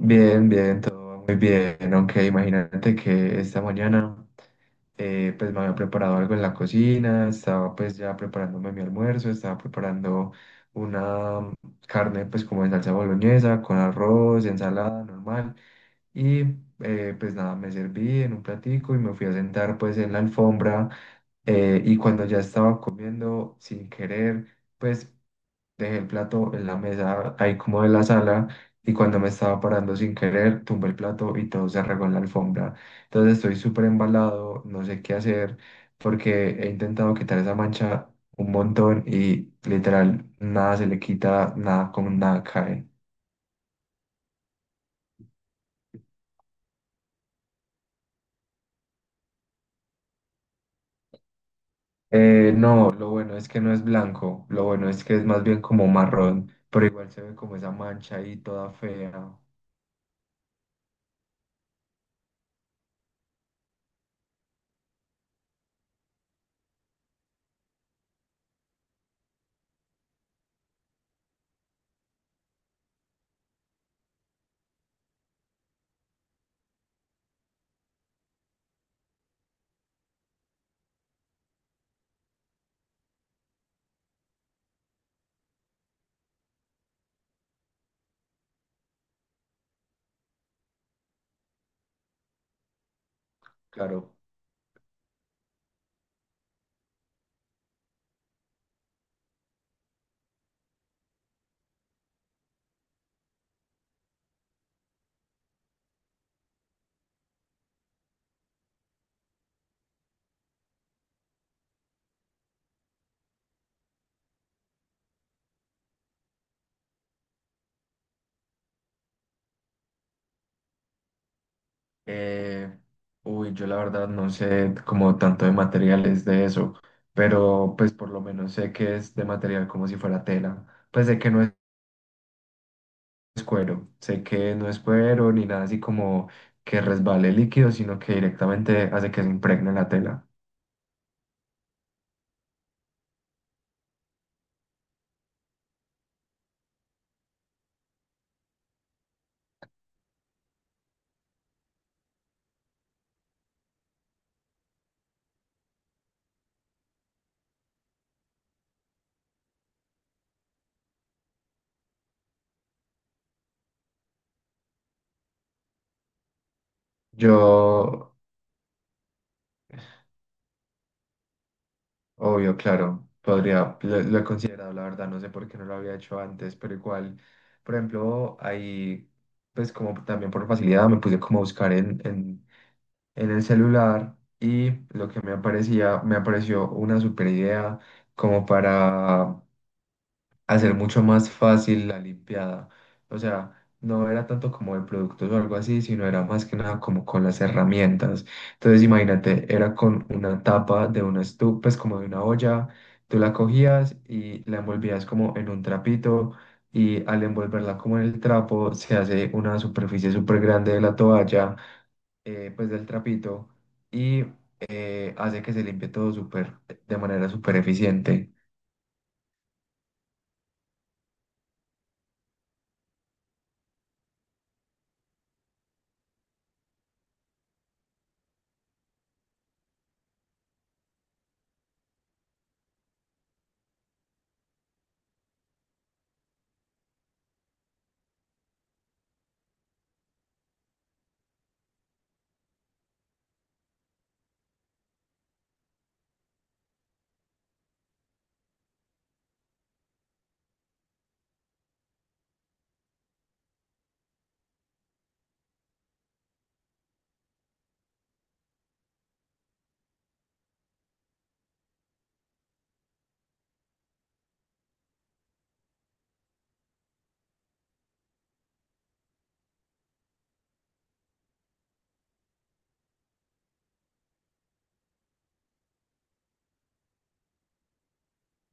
Bien, bien, todo va muy bien. Aunque imagínate que esta mañana pues me había preparado algo en la cocina, estaba pues ya preparándome mi almuerzo, estaba preparando una carne pues como en salsa boloñesa, con arroz, ensalada normal. Y pues nada, me serví en un platico y me fui a sentar pues en la alfombra y cuando ya estaba comiendo sin querer, pues dejé el plato en la mesa, ahí como de la sala, y cuando me estaba parando sin querer, tumbé el plato y todo se regó en la alfombra. Entonces estoy súper embalado, no sé qué hacer, porque he intentado quitar esa mancha un montón y literal nada se le quita, nada con nada cae. No, lo bueno es que no es blanco, lo bueno es que es más bien como marrón, pero igual se ve como esa mancha ahí toda fea, claro. Eh, uy, yo la verdad no sé como tanto de materiales de eso, pero pues por lo menos sé que es de material como si fuera tela. Pues sé que no es cuero, sé que no es cuero ni nada así como que resbale líquido, sino que directamente hace que se impregne la tela. Yo, obvio, claro, podría, lo he considerado, la verdad, no sé por qué no lo había hecho antes, pero igual, por ejemplo, ahí, pues como también por facilidad me puse como a buscar en el celular y lo que me aparecía, me apareció una super idea como para hacer mucho más fácil la limpiada. O sea, no era tanto como de productos o algo así, sino era más que nada como con las herramientas. Entonces, imagínate, era con una tapa de una estufa, pues como de una olla, tú la cogías y la envolvías como en un trapito. Y al envolverla como en el trapo, se hace una superficie súper grande de la toalla pues del trapito y hace que se limpie todo súper, de manera súper eficiente.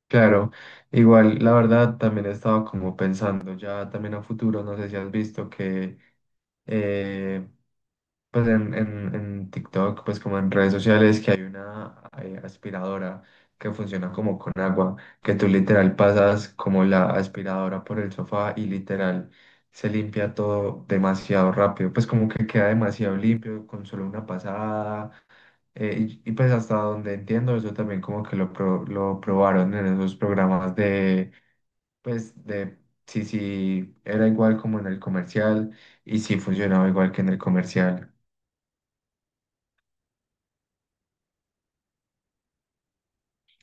Claro, igual la verdad también he estado como pensando ya también a futuro, no sé si has visto que eh, pues en TikTok, pues como en redes sociales, que hay una aspiradora que funciona como con agua, que tú literal pasas como la aspiradora por el sofá y literal se limpia todo demasiado rápido, pues como que queda demasiado limpio con solo una pasada. Y pues hasta donde entiendo, eso también como que lo, pro- lo probaron en esos programas de, pues de si, si era igual como en el comercial y si funcionaba igual que en el comercial.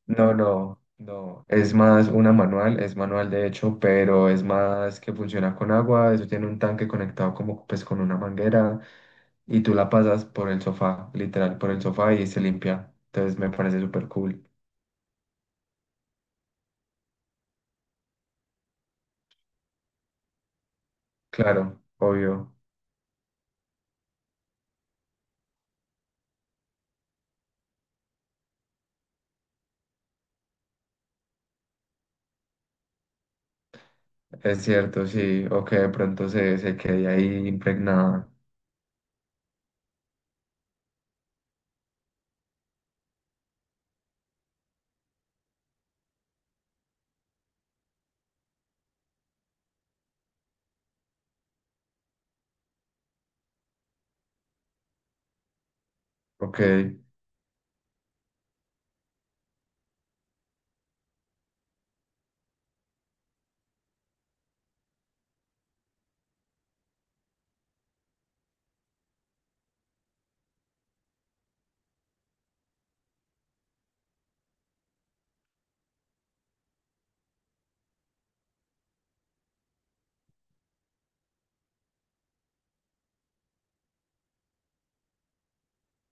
No, no, no. Es más una manual, es manual de hecho, pero es más que funciona con agua. Eso tiene un tanque conectado como pues con una manguera y tú la pasas por el sofá, literal, por el sofá y se limpia. Entonces me parece súper cool. Claro, obvio. Es cierto, sí. O que de pronto se, se quede ahí impregnada. Ok.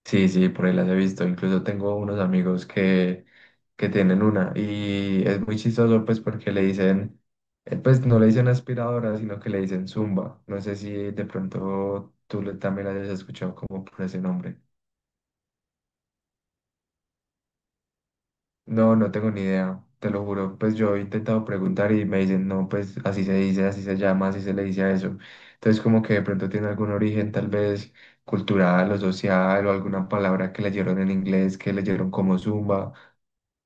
Sí, sí, por ahí las he visto. Incluso tengo unos amigos que tienen una y es muy chistoso pues porque le dicen, pues no le dicen aspiradora, sino que le dicen zumba. No sé si de pronto tú le- también la hayas escuchado como por ese nombre. No, no tengo ni idea, te lo juro. Pues yo he intentado preguntar y me dicen, no, pues así se dice, así se llama, así se le dice a eso. Entonces como que de pronto tiene algún origen tal vez cultural o social o alguna palabra que leyeron en inglés, que leyeron como zumba.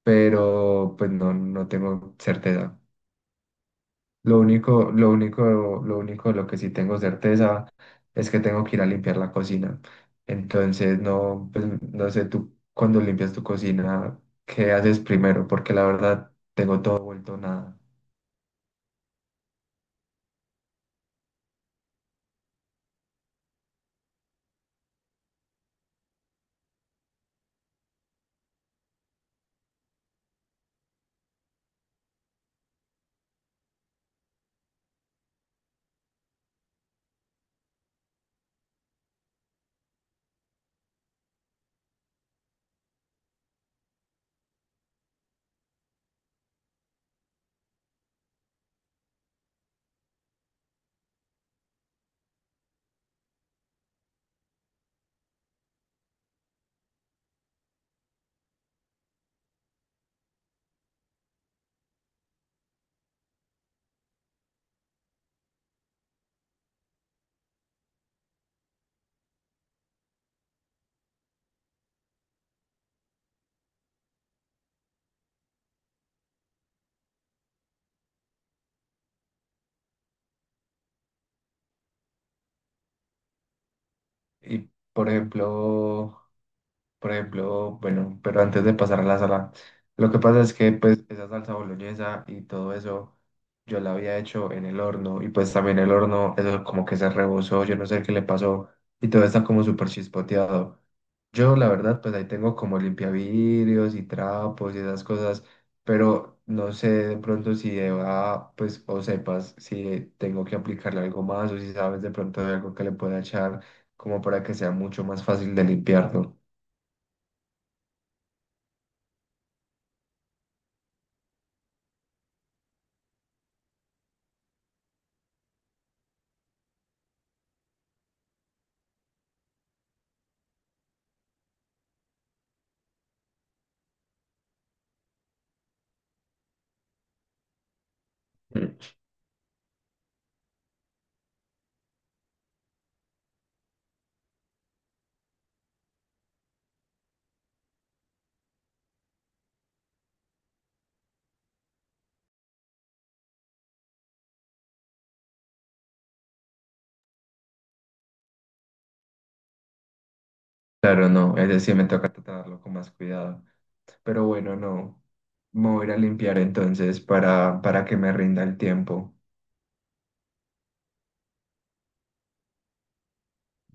Pero pues no, no tengo certeza. Lo único, lo único, lo único, de lo que sí tengo certeza es que tengo que ir a limpiar la cocina. Entonces, no, pues, no sé, tú cuando limpias tu cocina, ¿qué haces primero? Porque la verdad, todo ha vuelto nada. Y, por ejemplo, por ejemplo, bueno, pero antes de pasar a la sala, lo que pasa es que pues esa salsa boloñesa y todo eso yo la había hecho en el horno y pues también el horno, eso como que se rebosó, yo no sé qué le pasó y todo está como súper chispoteado. Yo la verdad pues ahí tengo como limpiavidrios y trapos y esas cosas, pero no sé de pronto si Eva pues o sepas si tengo que aplicarle algo más o si sabes de pronto de algo que le pueda echar como para que sea mucho más fácil de limpiarlo. Claro, no, ese sí me toca tratarlo con más cuidado. Pero bueno, no, me voy a ir a limpiar entonces para que me rinda el tiempo.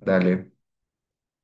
Dale.